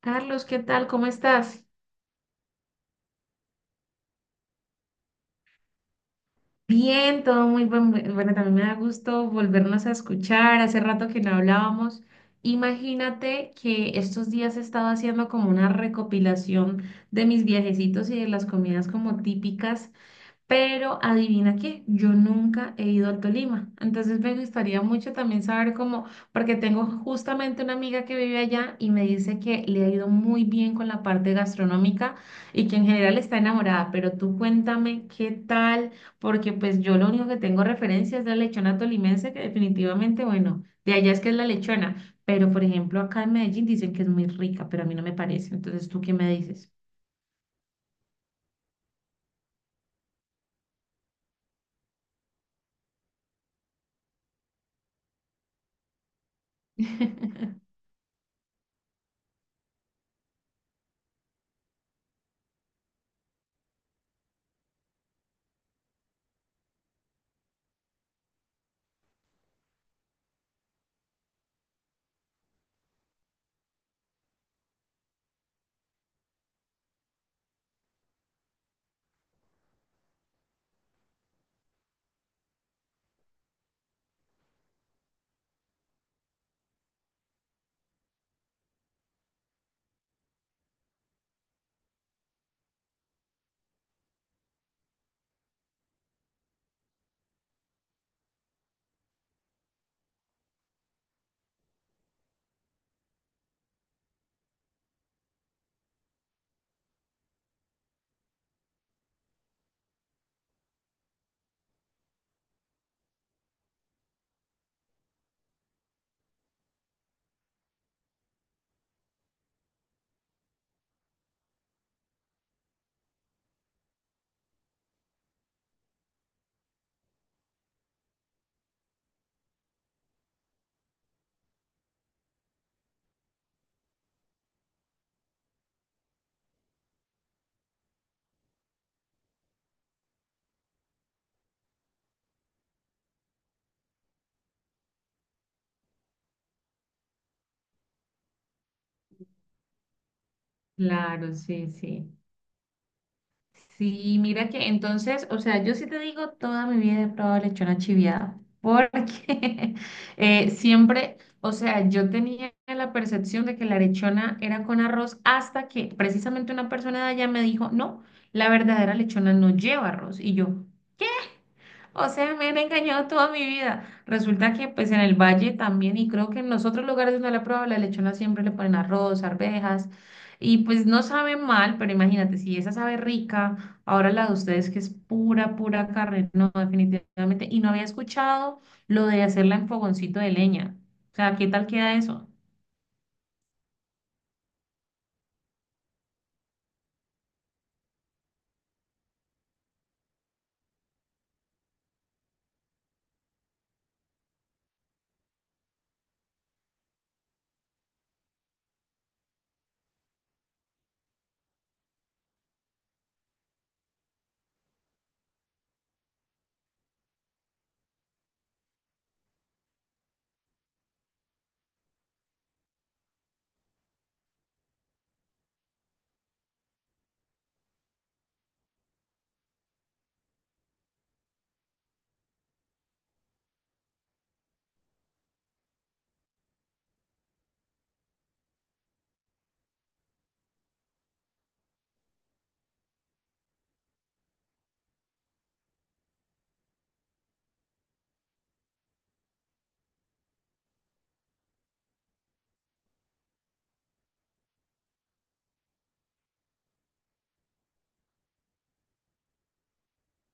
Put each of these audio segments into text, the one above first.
Carlos, ¿qué tal? ¿Cómo estás? Bien, todo muy bueno, también me da gusto volvernos a escuchar. Hace rato que no hablábamos. Imagínate que estos días he estado haciendo como una recopilación de mis viajecitos y de las comidas como típicas. Pero adivina qué, yo nunca he ido al Tolima. Entonces me gustaría mucho también saber cómo, porque tengo justamente una amiga que vive allá y me dice que le ha ido muy bien con la parte gastronómica y que en general está enamorada. Pero tú cuéntame qué tal, porque pues yo lo único que tengo referencia es la lechona tolimense, que definitivamente, bueno, de allá es que es la lechona. Pero por ejemplo, acá en Medellín dicen que es muy rica, pero a mí no me parece. Entonces, ¿tú qué me dices? Claro, sí, sí. Sí, mira que entonces, o sea, yo sí te digo, toda mi vida he probado lechona chiviada, porque siempre, o sea, yo tenía la percepción de que la lechona era con arroz hasta que precisamente una persona de allá me dijo, no, la verdadera lechona no lleva arroz. Y yo, o sea, me han engañado toda mi vida. Resulta que pues en el valle también y creo que en los otros lugares donde la prueba la lechona siempre le ponen arroz, arvejas y pues no sabe mal, pero imagínate, si esa sabe rica, ahora la de ustedes que es pura, pura carne, no, definitivamente. Y no había escuchado lo de hacerla en fogoncito de leña. O sea, ¿qué tal queda eso?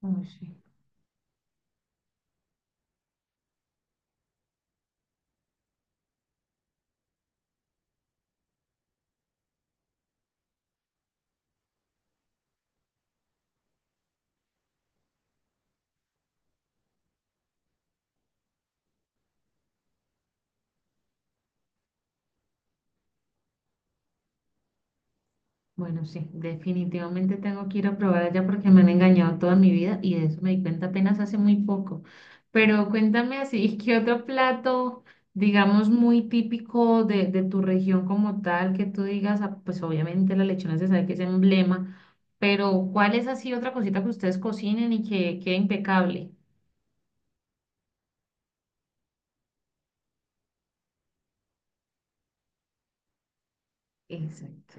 Uy, sí. Bueno, sí, definitivamente tengo que ir a probar allá porque me han engañado toda mi vida y de eso me di cuenta apenas hace muy poco. Pero cuéntame así, ¿qué otro plato, digamos, muy típico de tu región como tal, que tú digas, ah, pues obviamente la lechona se sabe que es emblema, pero ¿cuál es así otra cosita que ustedes cocinen y que quede impecable? Exacto.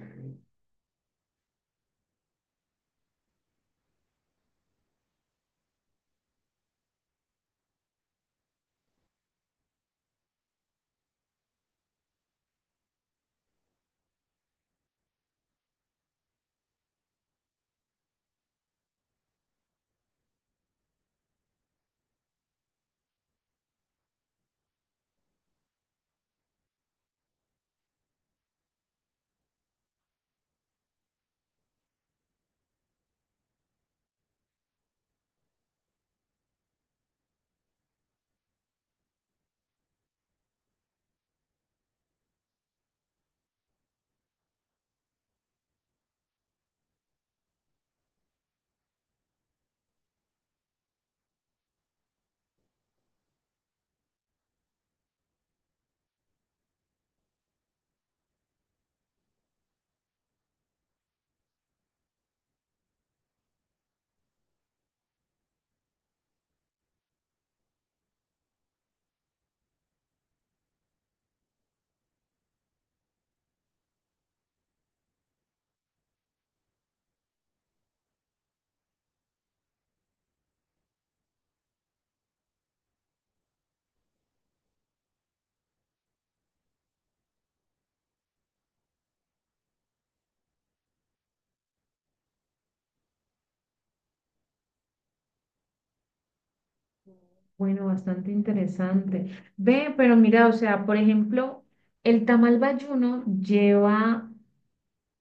Bueno, bastante interesante. Ve, pero mira, o sea, por ejemplo, el tamal bayuno lleva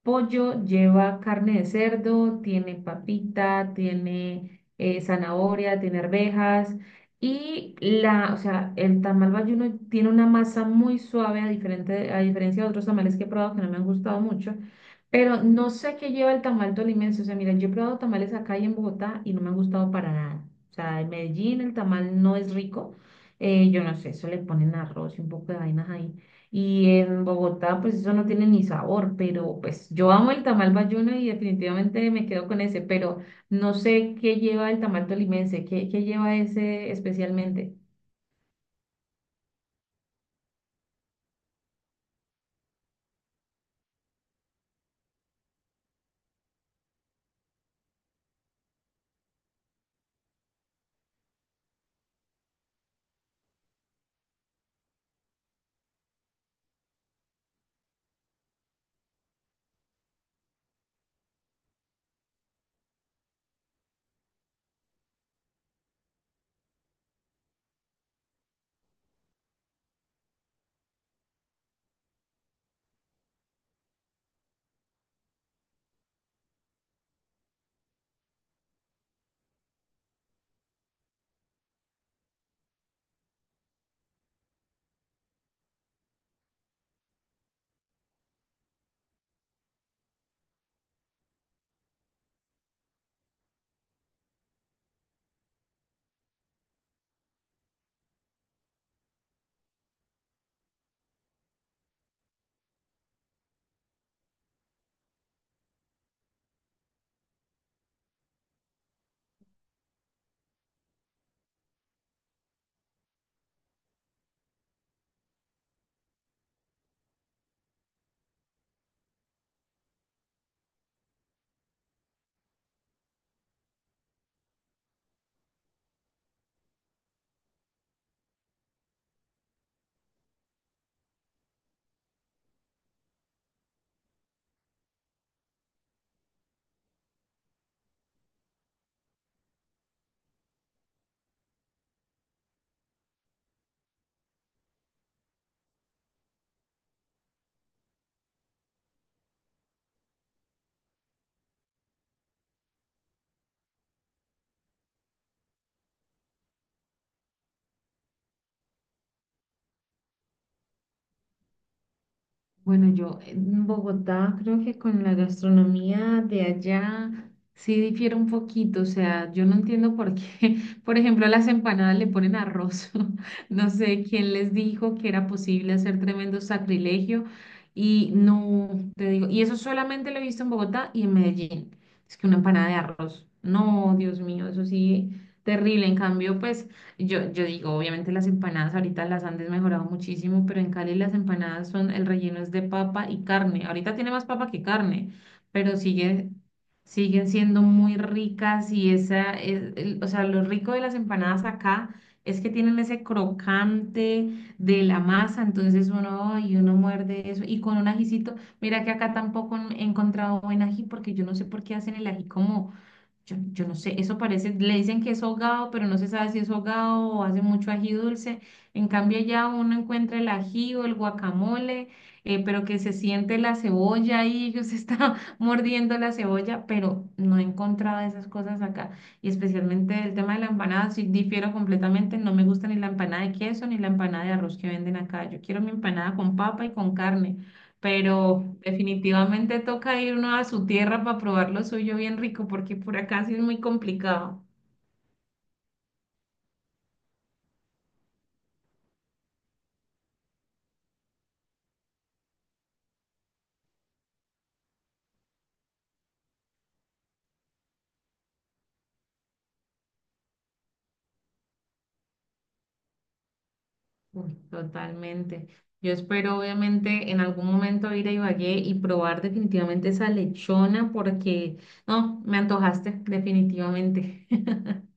pollo, lleva carne de cerdo, tiene papita, tiene zanahoria, tiene arvejas y la, o sea, el tamal bayuno tiene una masa muy suave a diferente, a diferencia de otros tamales que he probado que no me han gustado mucho, pero no sé qué lleva el tamal tolimense, o sea, mira, yo he probado tamales acá y en Bogotá y no me han gustado para nada. O sea, en Medellín el tamal no es rico. Yo no sé, eso le ponen arroz y un poco de vainas ahí. Y en Bogotá, pues eso no tiene ni sabor, pero pues yo amo el tamal bayuno y definitivamente me quedo con ese, pero no sé qué lleva el tamal tolimense, qué lleva ese especialmente. Bueno, yo en Bogotá creo que con la gastronomía de allá sí difiere un poquito, o sea, yo no entiendo por qué, por ejemplo, a las empanadas le ponen arroz, no sé quién les dijo que era posible hacer tremendo sacrilegio y no, te digo, y eso solamente lo he visto en Bogotá y en Medellín, es que una empanada de arroz, no, Dios mío, eso sí, terrible, en cambio, pues yo digo, obviamente las empanadas ahorita las han desmejorado muchísimo, pero en Cali las empanadas son, el relleno es de papa y carne. Ahorita tiene más papa que carne, pero sigue, siguen siendo muy ricas y esa es, el- o sea, lo rico de las empanadas acá es que tienen ese crocante de la masa, entonces uno, y uno muerde eso y con un ajicito, mira que acá tampoco he encontrado buen ají porque yo no sé por qué hacen el ají como yo no sé, eso parece, le dicen que es hogado, pero no se sabe si es hogado o hace mucho ají dulce. En cambio, ya uno encuentra el ají o el guacamole, pero que se siente la cebolla y ellos están mordiendo la cebolla, pero no he encontrado esas cosas acá. Y especialmente el tema de la empanada, sí difiero completamente, no me gusta ni la empanada de queso ni la empanada de arroz que venden acá. Yo quiero mi empanada con papa y con carne pero definitivamente toca ir uno a su tierra para probar lo suyo bien rico, porque por acá sí es muy complicado. Uy, totalmente. Yo espero obviamente en algún momento ir a Ibagué y probar definitivamente esa lechona, porque no, me antojaste, definitivamente.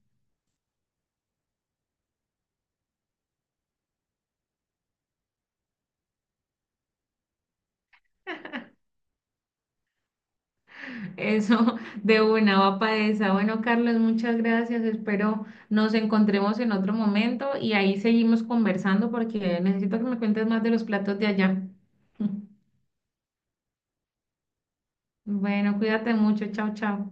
Eso de una va para esa. Bueno, Carlos, muchas gracias. Espero nos encontremos en otro momento y ahí seguimos conversando porque necesito que me cuentes más de los platos de allá. Bueno, cuídate mucho. Chao, chao.